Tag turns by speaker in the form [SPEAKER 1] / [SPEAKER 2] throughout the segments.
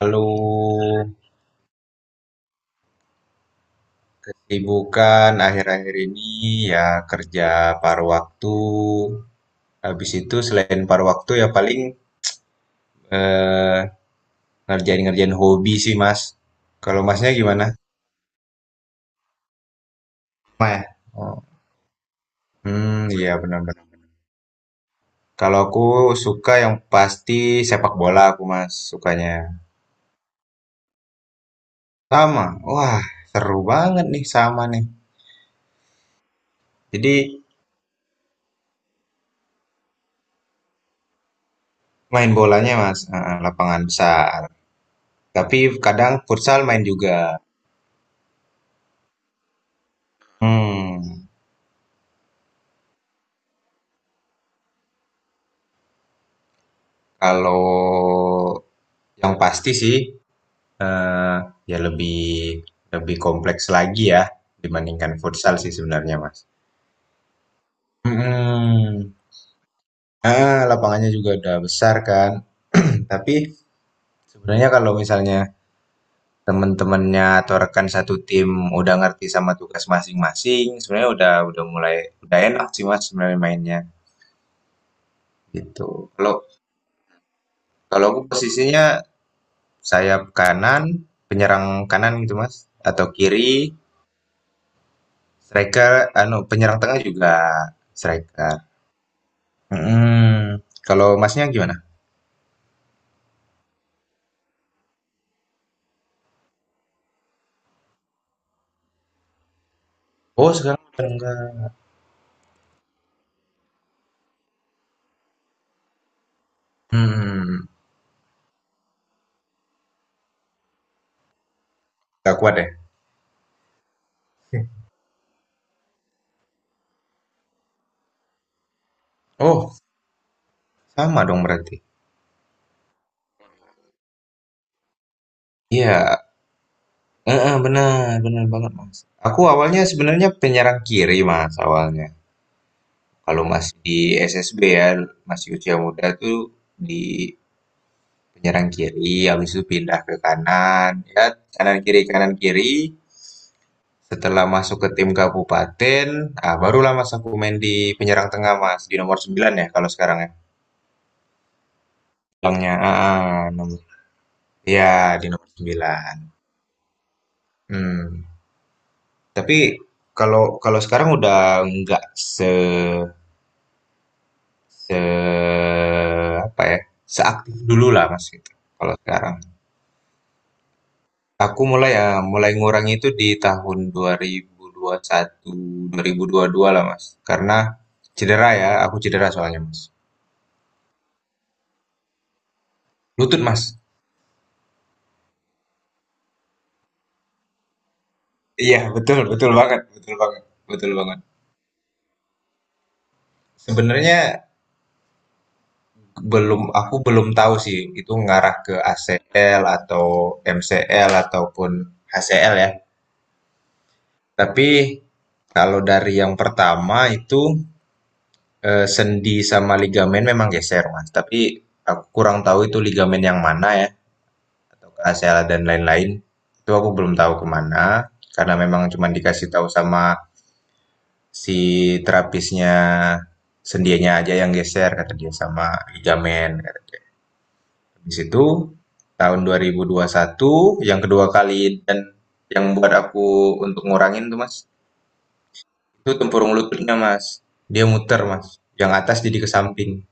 [SPEAKER 1] Lalu kesibukan akhir-akhir ini ya kerja paruh waktu. Habis itu selain paruh waktu ya paling eh, ngerjain-ngerjain hobi sih, Mas. Kalau Masnya gimana? Maya. Oh. Hmm, iya benar-benar. Kalau aku suka yang pasti sepak bola aku, Mas, sukanya. Sama. Wah, seru banget nih sama nih. Jadi main bolanya, Mas, lapangan besar. Tapi kadang futsal main juga. Hmm. Kalau yang pasti sih, eh, ya lebih lebih kompleks lagi ya dibandingkan futsal sih sebenarnya, Mas. Mm. Ah, lapangannya juga udah besar kan. Tapi sebenarnya kalau misalnya teman-temannya atau rekan satu tim udah ngerti sama tugas masing-masing, sebenarnya udah mulai udah enak sih Mas sebenarnya mainnya gitu. Kalau kalau aku posisinya sayap kanan, penyerang kanan gitu Mas atau kiri. Striker anu penyerang tengah juga striker. Mhm. Kalau Masnya gimana? Oh, sekarang udah enggak. Hmm, enggak kuat deh. Oh, sama dong berarti. Iya, heeh, benar, benar banget, Mas. Aku awalnya sebenarnya penyerang kiri, Mas, awalnya. Kalau masih di SSB ya, masih usia muda tuh di penyerang kiri, habis itu pindah ke kanan, ya kanan kiri kanan kiri. Setelah masuk ke tim kabupaten, barulah Mas aku main di penyerang tengah Mas, di nomor 9 ya kalau sekarang ya. Bilangnya, nomor, ya di nomor 9. Hmm. Tapi kalau kalau sekarang udah nggak se se apa ya, seaktif dulu lah Mas gitu. Kalau sekarang, aku mulai ya mulai ngurangi itu di tahun dua dua dua puluh satu, dua ribu ribu satu puluh dua lah Mas. Karena cedera ya, aku cedera soalnya Mas. Lutut Mas. Iya, betul, betul banget, betul banget, betul banget. Sebenarnya belum, aku belum tahu sih itu ngarah ke ACL atau MCL ataupun HCL ya. Tapi kalau dari yang pertama itu sendi sama ligamen memang geser mas. Tapi aku kurang tahu itu ligamen yang mana ya atau ke ACL dan lain-lain. Itu aku belum tahu kemana karena memang cuma dikasih tahu sama Si terapisnya, "Sendianya aja yang geser," kata dia, "sama ligamen," kata dia. Habis itu tahun 2021 yang kedua kali dan yang buat aku untuk ngurangin tuh, Mas, itu tempurung lututnya, Mas. Dia muter, Mas. Yang atas jadi ke samping.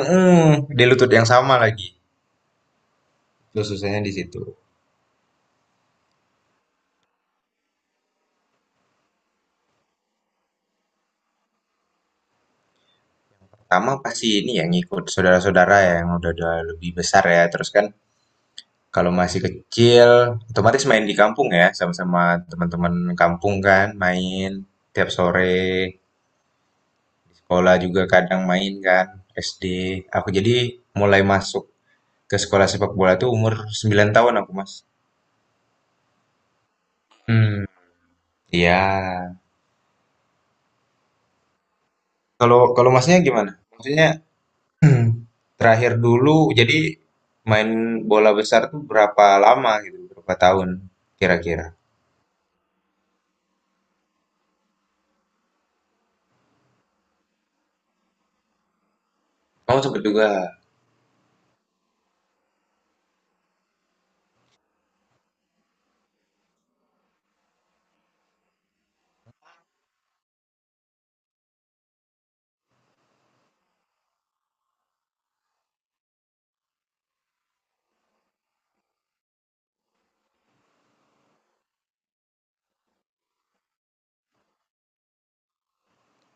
[SPEAKER 1] Mhm, di lutut yang sama lagi. Terus susahnya di situ. Pertama pasti ini yang ngikut saudara-saudara ya yang udah-udah lebih besar ya, terus kan. Kalau masih kecil, otomatis main di kampung ya, sama-sama teman-teman kampung kan, main tiap sore, sekolah juga kadang main kan, SD. Aku jadi mulai masuk ke sekolah sepak bola tuh umur 9 tahun aku, Mas. Hmm. Iya. Kalau kalau Masnya gimana? Maksudnya terakhir dulu jadi main bola besar tuh berapa lama gitu, berapa tahun kira-kira? Kamu sempet juga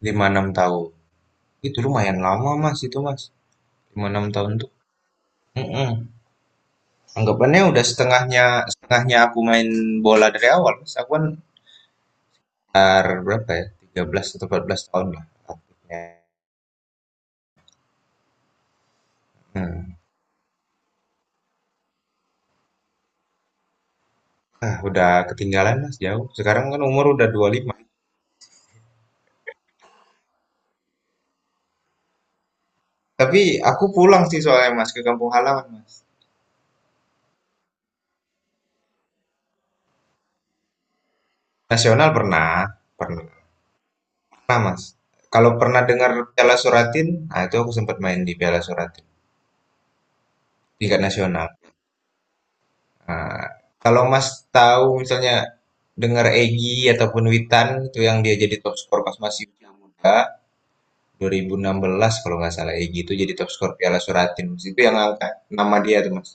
[SPEAKER 1] lima enam tahun. Itu lumayan lama, Mas, itu, Mas. Cuma 6 tahun tuh. Mm-mm. Anggapannya udah setengahnya setengahnya aku main bola dari awal. Mas. Aku kan sekitar berapa ya? 13 atau 14 tahun lah aktifnya. Hmm. Ah, udah ketinggalan Mas jauh. Sekarang kan umur udah 25. Tapi aku pulang sih soalnya Mas ke kampung halaman Mas. Nasional pernah, pernah, pernah Mas. Kalau pernah dengar Piala Suratin, nah itu aku sempat main di Piala Suratin, tingkat nasional. Nah, kalau Mas tahu misalnya dengar Egi ataupun Witan itu yang dia jadi top skor pas masih usia muda 2016 kalau nggak salah Egi itu jadi top skor Piala Suratin Mas. Itu yang angkat nama dia tuh Mas.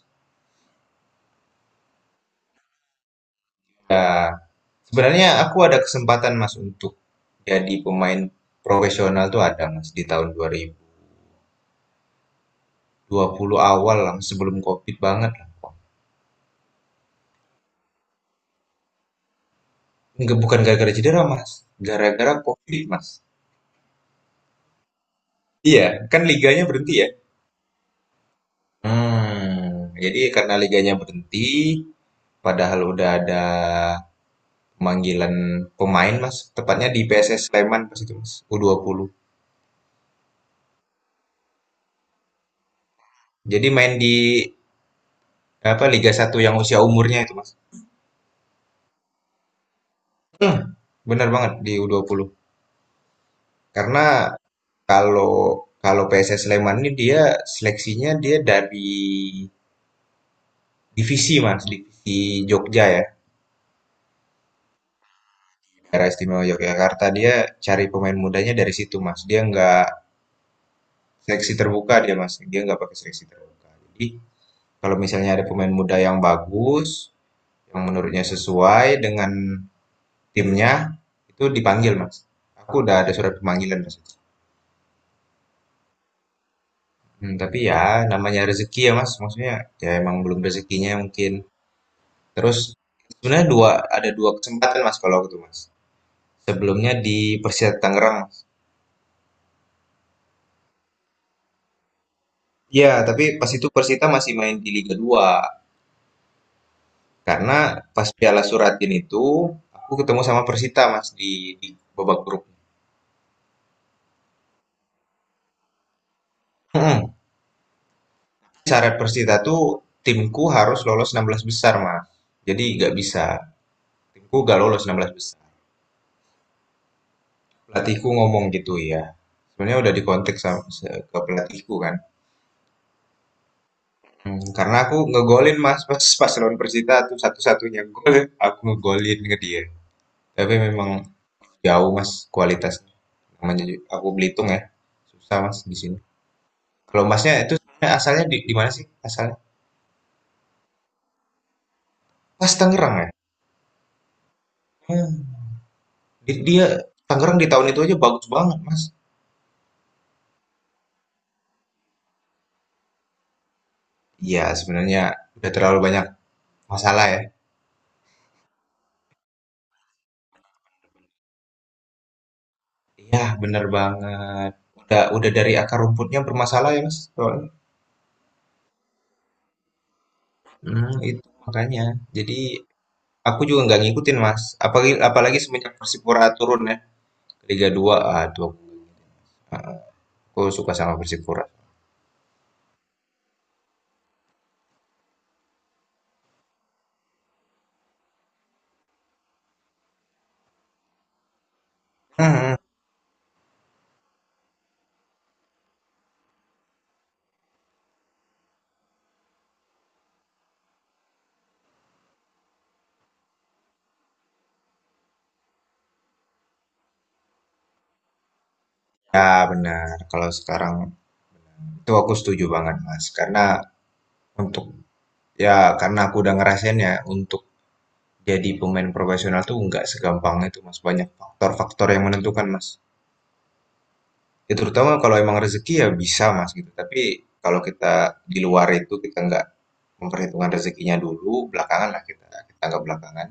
[SPEAKER 1] Ya, sebenarnya aku ada kesempatan Mas untuk jadi pemain profesional tuh ada Mas di tahun dua 2020 awal lah Mas, sebelum COVID banget lah. Nggak, bukan gara-gara cedera Mas, gara-gara COVID Mas. Iya, kan liganya berhenti ya. Hmm, jadi karena liganya berhenti, padahal udah ada pemanggilan pemain, Mas. Tepatnya di PSS Sleman pas itu, Mas. U20. Jadi main di apa Liga Satu yang usia umurnya itu, Mas. Benar banget di U20. Karena kalau kalau PSS Sleman ini dia seleksinya dia dari divisi, Mas, divisi Jogja ya. Daerah Istimewa Yogyakarta dia cari pemain mudanya dari situ, Mas. Dia nggak seleksi terbuka dia, Mas, dia nggak pakai seleksi terbuka. Jadi, kalau misalnya ada pemain muda yang bagus, yang menurutnya sesuai dengan timnya, itu dipanggil, Mas. Aku udah ada surat pemanggilan, Mas. Hmm, tapi ya namanya rezeki ya, Mas. Maksudnya ya emang belum rezekinya mungkin. Terus sebenarnya ada dua kesempatan, Mas, kalau aku tuh, Mas. Sebelumnya di Persita Tangerang. Iya, tapi pas itu Persita masih main di Liga 2. Karena pas Piala Suratin itu, aku ketemu sama Persita, Mas, di babak grup. Mhm. Syarat Persita tuh timku harus lolos 16 besar, Mas. Jadi nggak bisa. Timku nggak lolos 16 besar. Pelatihku ngomong gitu ya. Sebenarnya udah dikontak ke pelatihku kan. Hmm, karena aku ngegolin Mas pas pas lawan Persita tuh satu-satunya gol aku ngegolin ke dia. Tapi memang jauh Mas kualitasnya. Namanya aku Belitung ya. Susah Mas di sini. Kalau Masnya itu sebenarnya asalnya di mana sih? Asalnya Mas Tangerang ya? Hmm. Dia Tangerang di tahun itu aja bagus banget, Mas. Iya, sebenarnya udah terlalu banyak masalah ya. Iya, bener banget. Udah dari akar rumputnya bermasalah ya, Mas. Soalnya. Hmm, itu makanya. Jadi aku juga nggak ngikutin, Mas. Apalagi apalagi semenjak Persipura turun ya ke Liga dua aduh aku suka sama Persipura. Ya, benar. Kalau sekarang itu aku setuju banget, Mas. Karena untuk Ya, karena aku udah ngerasain ya, untuk jadi pemain profesional tuh nggak segampang itu, Mas. Banyak faktor-faktor yang menentukan, Mas. Ya, terutama kalau emang rezeki ya bisa, Mas, gitu. Tapi kalau kita di luar itu, kita nggak memperhitungkan rezekinya dulu, belakangan lah kita, kita nggak belakangan.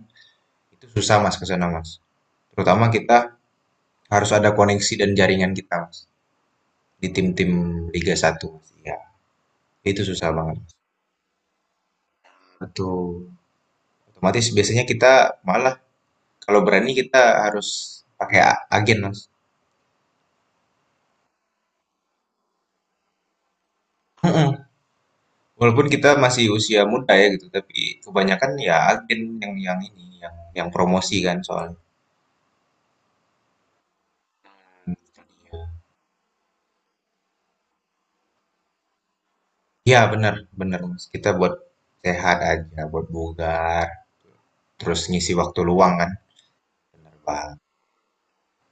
[SPEAKER 1] Itu susah, Mas, ke sana, Mas. Terutama kita harus ada koneksi dan jaringan kita, Mas. Di tim-tim Liga Satu. Mas. Ya, itu susah banget. Mas. Betul. Otomatis biasanya kita malah. Kalau berani kita harus pakai agen, Mas. Mm-mm. Walaupun kita masih usia muda ya gitu, tapi kebanyakan ya agen yang ini, yang promosi kan soalnya. Iya benar, benar Mas. Kita buat sehat aja, buat bugar, terus ngisi waktu luang kan. Benar banget.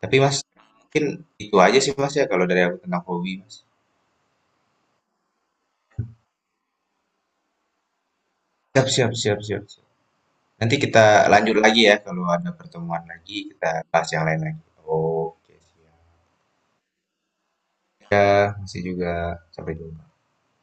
[SPEAKER 1] Tapi Mas, mungkin itu aja sih Mas ya kalau dari aku tentang hobi Mas. Siap, siap, siap, siap, siap. Nanti kita lanjut lagi ya kalau ada pertemuan lagi kita bahas yang lain lagi. Oke, siap. Masih juga sampai dulu.